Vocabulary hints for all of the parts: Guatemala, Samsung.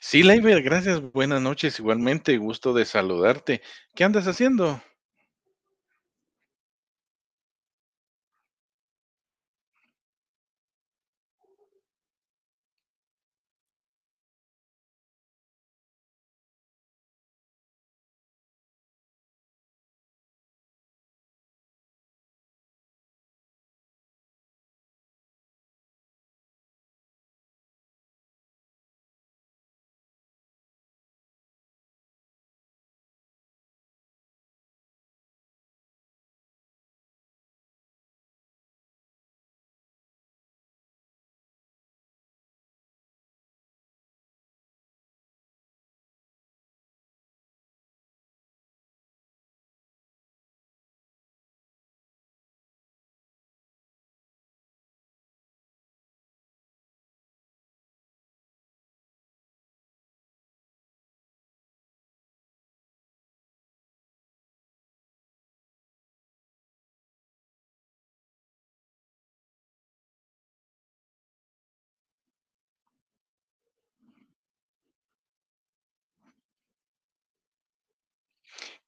Sí, Laiber, gracias. Buenas noches, igualmente, gusto de saludarte. ¿Qué andas haciendo?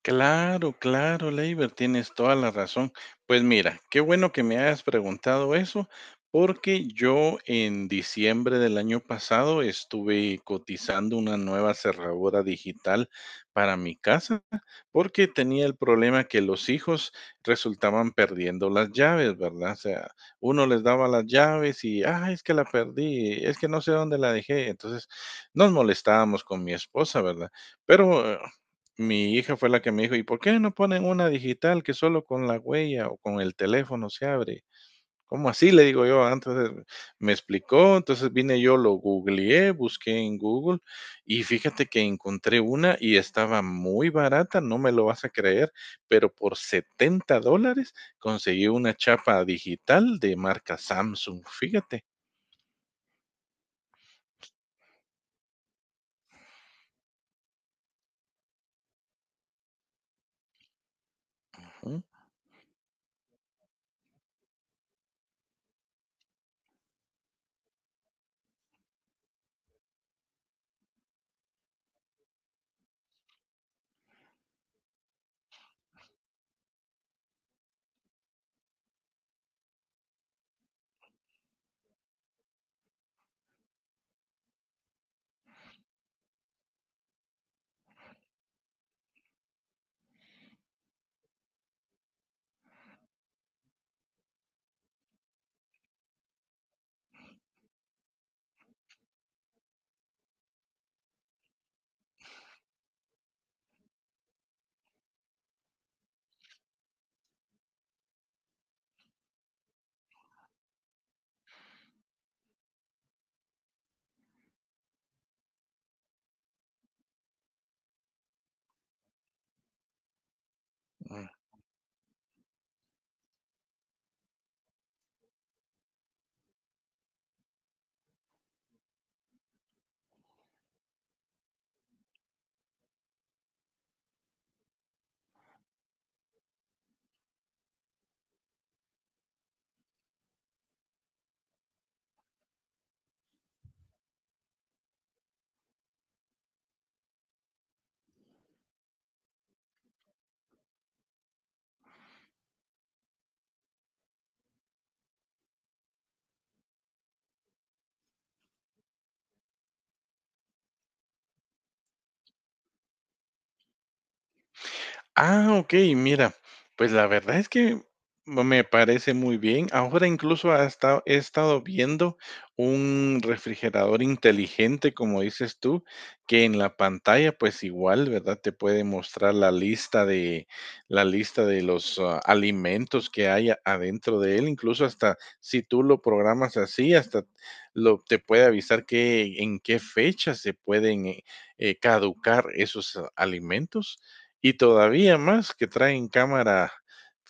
Claro, claro, Leiber, tienes toda la razón. Pues mira, qué bueno que me hayas preguntado eso, porque yo en diciembre del año pasado estuve cotizando una nueva cerradura digital para mi casa, porque tenía el problema que los hijos resultaban perdiendo las llaves, ¿verdad? O sea, uno les daba las llaves y, es que la perdí, es que no sé dónde la dejé. Entonces, nos molestábamos con mi esposa, ¿verdad? Pero mi hija fue la que me dijo, ¿y por qué no ponen una digital que solo con la huella o con el teléfono se abre? ¿Cómo así? Le digo yo, me explicó, entonces vine yo, lo googleé, busqué en Google y fíjate que encontré una y estaba muy barata, no me lo vas a creer, pero por $70 conseguí una chapa digital de marca Samsung, fíjate. Ujú. Ah, okey, mira, pues la verdad es que me parece muy bien. Ahora incluso hasta he estado viendo un refrigerador inteligente, como dices tú, que en la pantalla, pues igual, ¿verdad? Te puede mostrar la lista de los, alimentos que hay a- adentro de él. Incluso hasta si tú lo programas así, hasta lo te puede avisar que en qué fecha se pueden, caducar esos alimentos y todavía más que traen cámara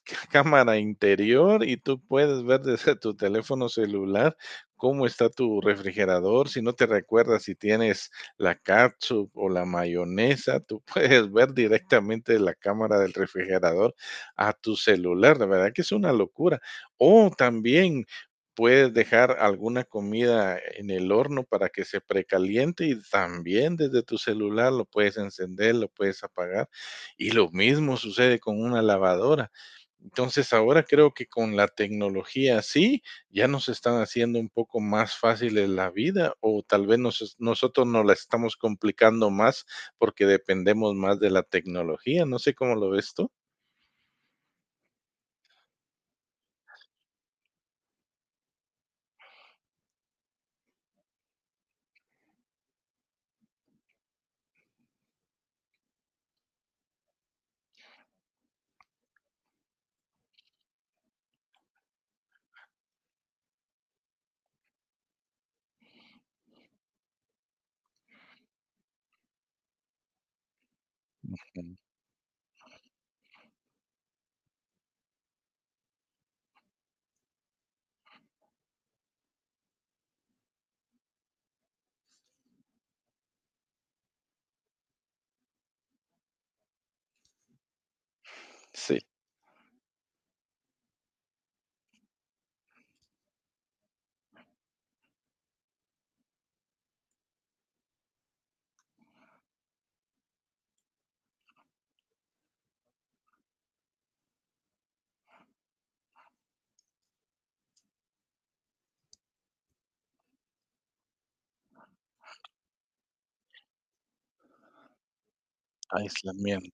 cámara interior y tú puedes ver desde tu teléfono celular cómo está tu refrigerador. Si no te recuerdas si tienes la catsup o la mayonesa, tú puedes ver directamente de la cámara del refrigerador a tu celular. La verdad que es una locura. O también puedes dejar alguna comida en el horno para que se precaliente y también desde tu celular lo puedes encender, lo puedes apagar. Y lo mismo sucede con una lavadora. Entonces ahora creo que con la tecnología sí, ya nos están haciendo un poco más fáciles la vida o tal vez nosotros nos la estamos complicando más porque dependemos más de la tecnología. No sé cómo lo ves tú. Ujú. Sí. Ay, aislamiento.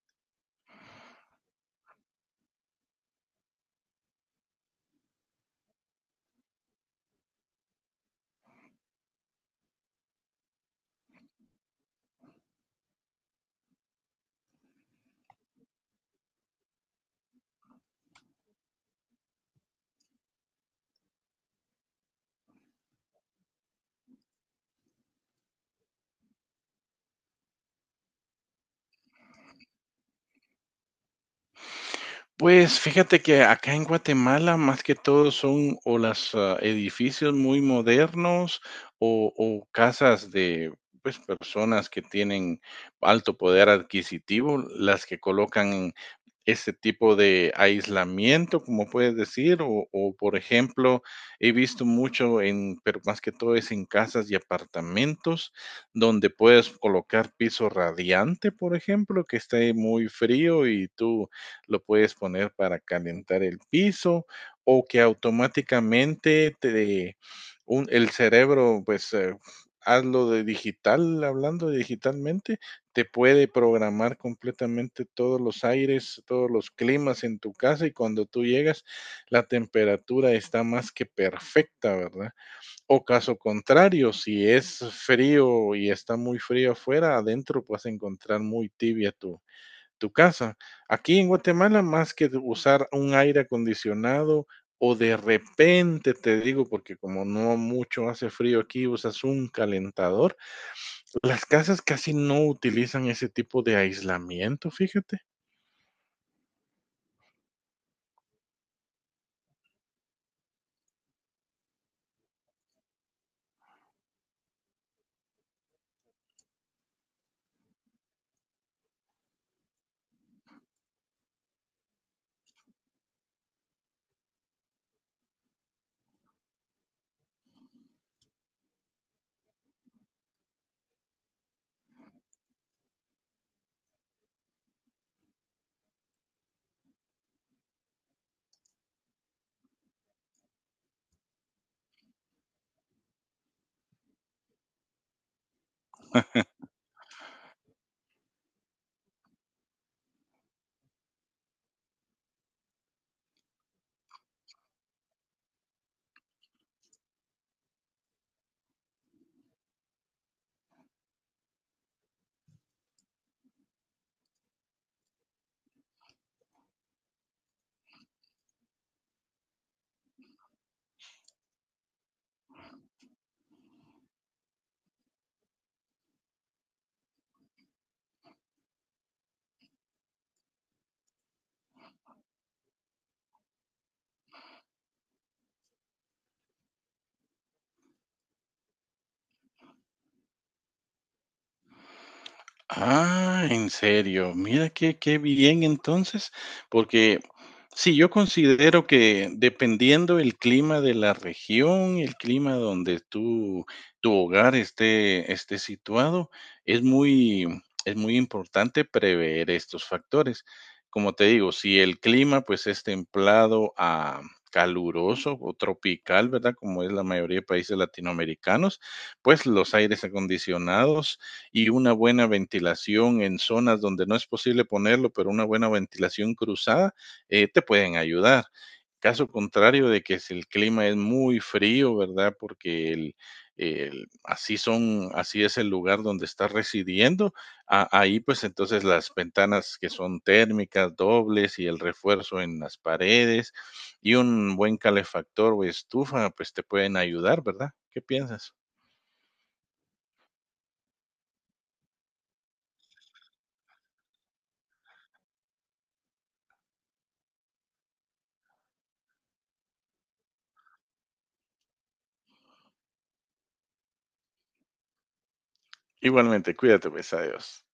Pues fíjate que acá en Guatemala, más que todo, son o los edificios muy modernos o casas de, pues, personas que tienen alto poder adquisitivo, las que colocan en este tipo de aislamiento, como puedes decir, o, por ejemplo, he visto mucho en, pero más que todo es en casas y apartamentos, donde puedes colocar piso radiante, por ejemplo, que esté muy frío y tú lo puedes poner para calentar el piso o que automáticamente te, un, el cerebro, pues hazlo de digital, hablando digitalmente, te puede programar completamente todos los aires, todos los climas en tu casa y cuando tú llegas la temperatura está más que perfecta, ¿verdad? O caso contrario, si es frío y está muy frío afuera, adentro vas a encontrar muy tibia tu casa. Aquí en Guatemala, más que de usar un aire acondicionado o de repente, te digo, porque como no mucho hace frío aquí, usas un calentador, las casas casi no utilizan ese tipo de aislamiento, fíjate. Ah, en serio, mira qué, qué bien entonces, porque sí, yo considero que dependiendo el clima de la región, el clima donde tú, tu hogar esté, esté situado, es muy, es muy importante prever estos factores. Como te digo, si el clima pues es templado a caluroso o tropical, ¿verdad? Como es la mayoría de países latinoamericanos, pues los aires acondicionados y una buena ventilación en zonas donde no es posible ponerlo, pero una buena ventilación cruzada, te pueden ayudar. Caso contrario de que si el clima es muy frío, ¿verdad? Porque así son, así es el lugar donde estás residiendo, ahí pues entonces las ventanas que son térmicas, dobles y el refuerzo en las paredes y un buen calefactor o estufa, pues te pueden ayudar, ¿verdad? ¿Qué piensas? Igualmente, cuídate, pues, adiós.